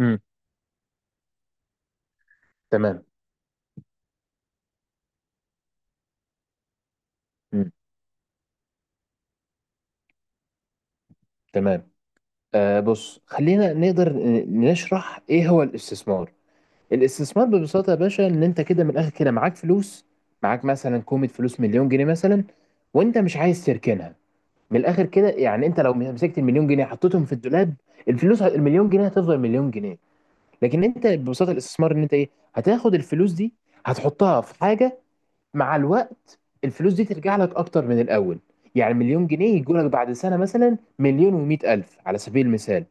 امم تمام. امم تمام. آه، بص خلينا نقدر نشرح ايه هو الاستثمار. الاستثمار ببساطة يا باشا ان انت كده من الاخر كده معاك فلوس. معاك مثلا كومة فلوس، مليون جنيه مثلا، وانت مش عايز تركنها. من الاخر كده يعني انت لو مسكت المليون جنيه حطيتهم في الدولاب، الفلوس المليون جنيه هتفضل مليون جنيه. لكن انت ببساطة الاستثمار ان انت ايه، هتاخد الفلوس دي هتحطها في حاجة، مع الوقت الفلوس دي ترجع لك اكتر من الاول. يعني مليون جنيه يجوا لك بعد سنة مثلا مليون ومئة الف على سبيل المثال.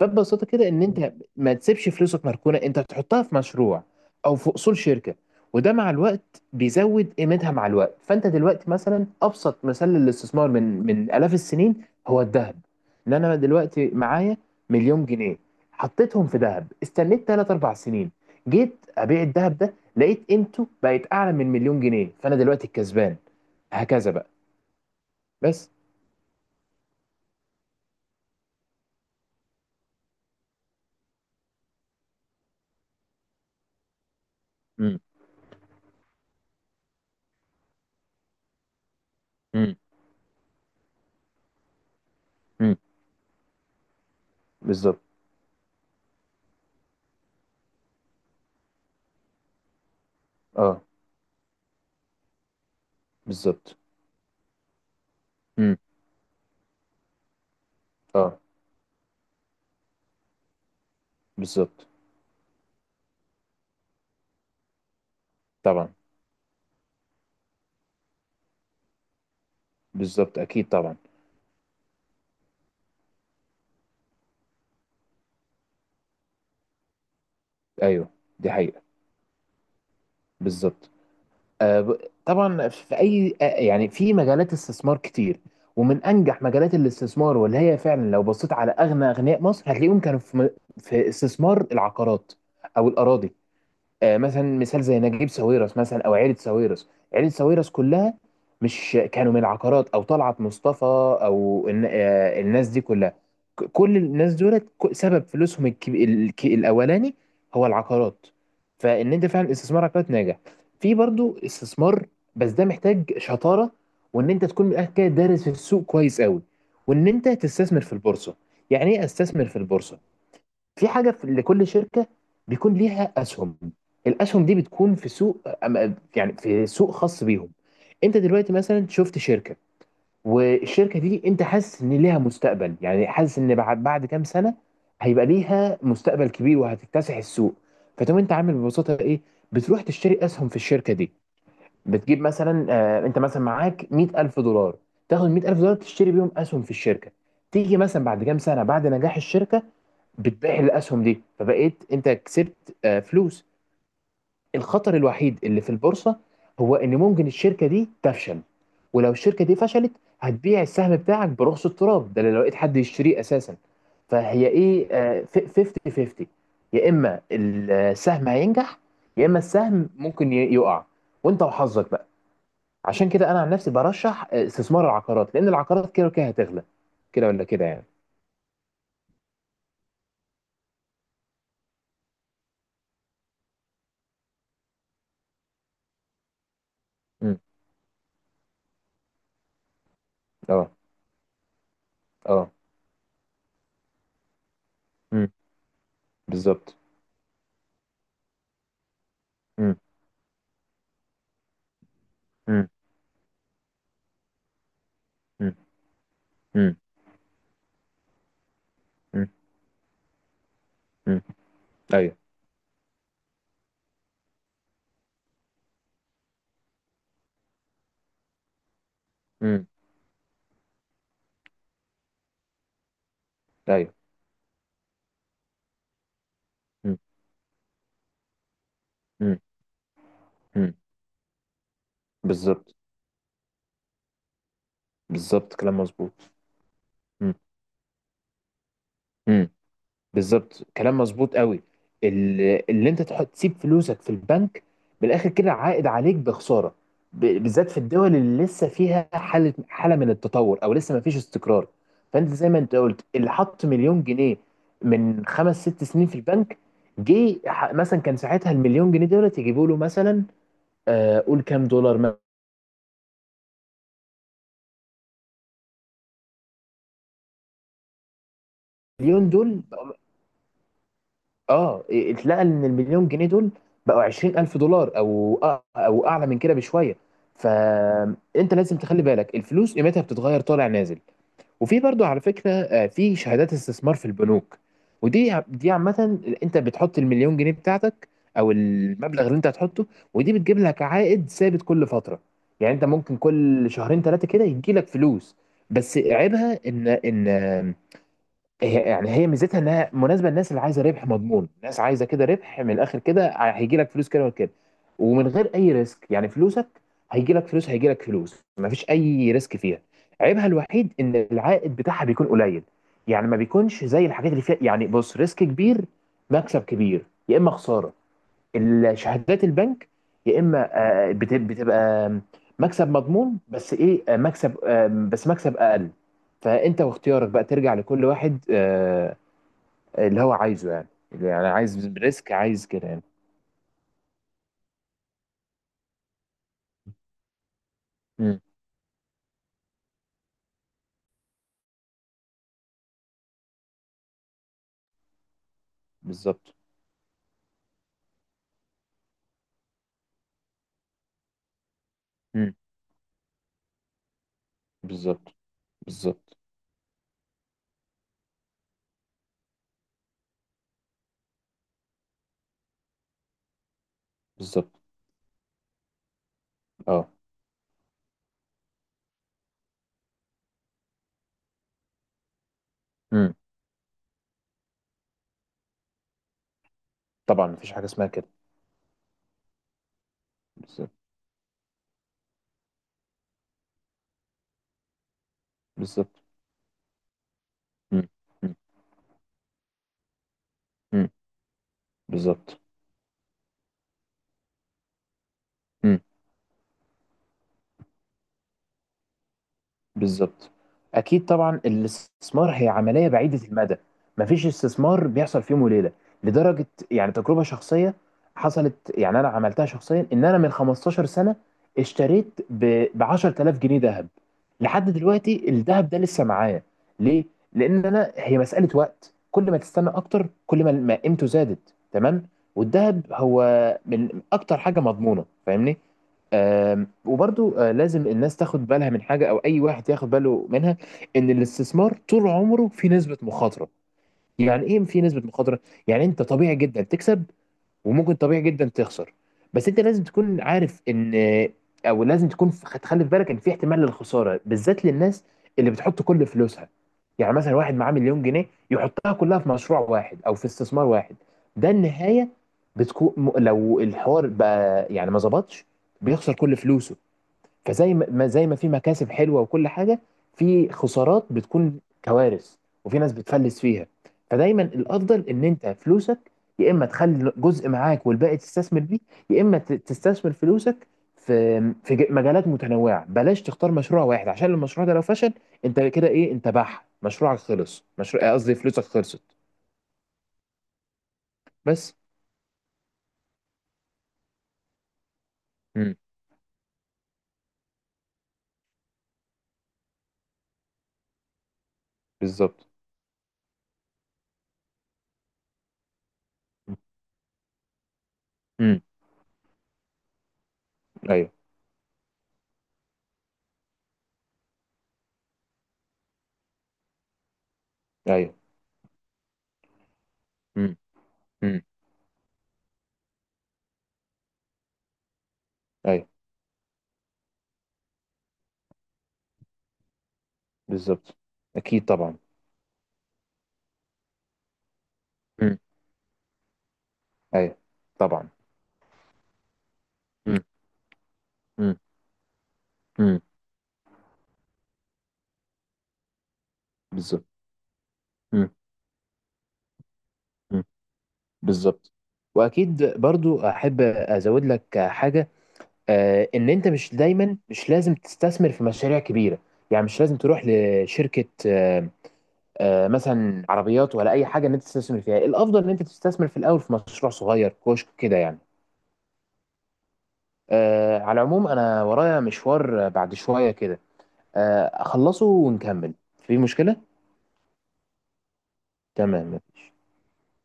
فببساطه كده ان انت ما تسيبش فلوسك مركونه، انت تحطها في مشروع او في اصول شركه، وده مع الوقت بيزود قيمتها. مع الوقت فانت دلوقتي مثلا ابسط مثال للاستثمار من الاف السنين هو الذهب. ان انا دلوقتي معايا مليون جنيه حطيتهم في ذهب، استنيت 3 4 سنين، جيت ابيع الذهب ده لقيت قيمته بقت اعلى من مليون جنيه، فانا دلوقتي الكسبان، هكذا بقى، بس. امم امم امم. بالظبط. اه بالظبط. امم اه بالظبط. طبعا. بالظبط. اكيد طبعا. ايوه. دي حقيقة. بالظبط. آه، طبعا في اي آه، يعني في مجالات استثمار كتير. ومن انجح مجالات الاستثمار واللي هي فعلا لو بصيت على اغنى اغنياء مصر هتلاقيهم كانوا في في استثمار العقارات او الاراضي. آه، مثلا مثال زي نجيب ساويرس مثلا او عيله ساويرس، عيله ساويرس كلها مش كانوا من العقارات، او طلعت مصطفى او الناس دي كلها، كل الناس دولت سبب فلوسهم الاولاني هو العقارات. فان انت فعلا استثمار عقارات ناجح، في برضو استثمار، بس ده محتاج شطاره، وان انت تكون من الاخر كده دارس في السوق كويس قوي، وان انت تستثمر في البورصه. يعني ايه استثمر في البورصه؟ في حاجه، في لكل شركه بيكون ليها اسهم، الاسهم دي بتكون في سوق يعني في سوق خاص بيهم. انت دلوقتي مثلا شفت شركه، والشركه دي انت حاسس ان ليها مستقبل، يعني حاسس ان بعد كام سنه هيبقى ليها مستقبل كبير وهتكتسح السوق. فتقوم انت عامل ببساطه ايه، بتروح تشتري اسهم في الشركه دي، بتجيب مثلا آه، انت مثلا معاك $100,000، تاخد $100,000 تشتري بيهم اسهم في الشركه. تيجي مثلا بعد كام سنه بعد نجاح الشركه، بتبيع الاسهم دي فبقيت انت كسبت آه، فلوس. الخطر الوحيد اللي في البورصه هو ان ممكن الشركه دي تفشل، ولو الشركه دي فشلت هتبيع السهم بتاعك برخص التراب ده، لو لقيت حد يشتريه اساسا. فهي ايه آه، 50 50، يا اما السهم هينجح يا اما السهم ممكن يقع، وانت وحظك بقى. عشان كده انا عن نفسي برشح آه، استثمار العقارات، لان العقارات كده وكده هتغلى، كده ولا كده يعني. امم اه. اه. امم بالظبط. امم امم امم امم امم أمم. ايوه. امم ايوه. امم امم أمم. بالظبط. بالظبط كلام مظبوط. امم أمم. بالظبط كلام مظبوط قوي. اللي انت تحط تسيب فلوسك في البنك بالاخر كده عائد عليك بخساره، بالذات في الدول اللي لسه فيها حاله من التطور او لسه ما فيش استقرار. فانت زي ما انت قلت اللي حط مليون جنيه من خمس ست سنين في البنك، مثلا كان ساعتها المليون جنيه دولت يجيبوا له مثلا آه، قول كام دولار. مليون دول، اه، اتلقى ان المليون جنيه دول بقوا $20,000، او او اعلى من كده بشويه. فانت لازم تخلي بالك الفلوس قيمتها بتتغير طالع نازل. وفي برضو على فكرة آه، في شهادات استثمار في البنوك، دي عامة انت بتحط المليون جنيه بتاعتك او المبلغ اللي انت هتحطه، ودي بتجيب لك عائد ثابت كل فترة. يعني انت ممكن كل شهرين ثلاثة كده يجي لك فلوس. بس عيبها ان هي، يعني هي ميزتها انها مناسبه للناس اللي عايزه ربح مضمون، الناس عايزه كده ربح من الاخر كده هيجي لك فلوس كده وكده ومن غير اي ريسك، يعني فلوسك هيجي لك فلوس، ما فيش اي ريسك فيها. عيبها الوحيد ان العائد بتاعها بيكون قليل، يعني ما بيكونش زي الحاجات اللي فيها يعني بص ريسك كبير، مكسب كبير يا اما خساره. الشهادات البنك يا اما آه، بتبقى مكسب مضمون، بس ايه آه، مكسب آه، بس مكسب اقل. فانت واختيارك بقى ترجع لكل واحد آه، اللي هو عايزه، يعني عايز ريسك عايز كده يعني. امم بالظبط. امم بالظبط. بالظبط. بالظبط. اه. امم طبعا مفيش حاجه اسمها كده. بالظبط. بالظبط. امم امم امم بالظبط. مم. بالظبط. اكيد طبعا الاستثمار هي عمليه بعيده المدى، مفيش استثمار بيحصل في يوم وليله، لدرجه يعني تجربه شخصيه حصلت، يعني انا عملتها شخصيا، ان انا من 15 سنه اشتريت ب 10,000 جنيه ذهب، لحد دلوقتي الذهب ده لسه معايا. ليه؟ لان انا هي مساله وقت، كل ما تستنى اكتر كل ما قيمته زادت، تمام، والذهب هو من اكتر حاجه مضمونه، فاهمني. وبرضو آه، لازم الناس تاخد بالها من حاجة، أو أي واحد ياخد باله منها، إن الاستثمار طول عمره في نسبة مخاطرة. يعني إيه في نسبة مخاطرة؟ يعني أنت طبيعي جدا تكسب، وممكن طبيعي جدا تخسر. بس أنت لازم تكون عارف إن، أو لازم تكون تخلي في بالك إن في احتمال للخسارة، بالذات للناس اللي بتحط كل فلوسها. يعني مثلا واحد معاه مليون جنيه يحطها كلها في مشروع واحد أو في استثمار واحد، ده النهاية بتكون لو الحوار بقى يعني ما ظبطش بيخسر كل فلوسه. فزي زي ما في مكاسب حلوه وكل حاجه، في خسارات بتكون كوارث، وفي ناس بتفلس فيها. فدايما الافضل ان انت فلوسك يا اما تخلي جزء معاك والباقي تستثمر بيه، يا اما تستثمر فلوسك في مجالات متنوعه. بلاش تختار مشروع واحد، عشان المشروع ده لو فشل انت كده ايه، انت بح مشروعك خلص، مشروع قصدي فلوسك خلصت، بس. امم بالظبط. امم ايوه. ايوه. امم ايوه. بالظبط. اكيد طبعا. مم. ايوه. طبعا. مم. مم. مم. بالظبط. مم. مم. بالظبط. واكيد برضو احب ازود لك حاجه، آه، ان انت مش دايما مش لازم تستثمر في مشاريع كبيره، يعني مش لازم تروح لشركه آه، آه، مثلا عربيات ولا اي حاجه ان انت تستثمر فيها، الافضل ان انت تستثمر في الاول في مشروع صغير كشك كده يعني. آه، على العموم انا ورايا مشوار بعد شويه كده، آه، اخلصه ونكمل في مشكله. تمام مفيش.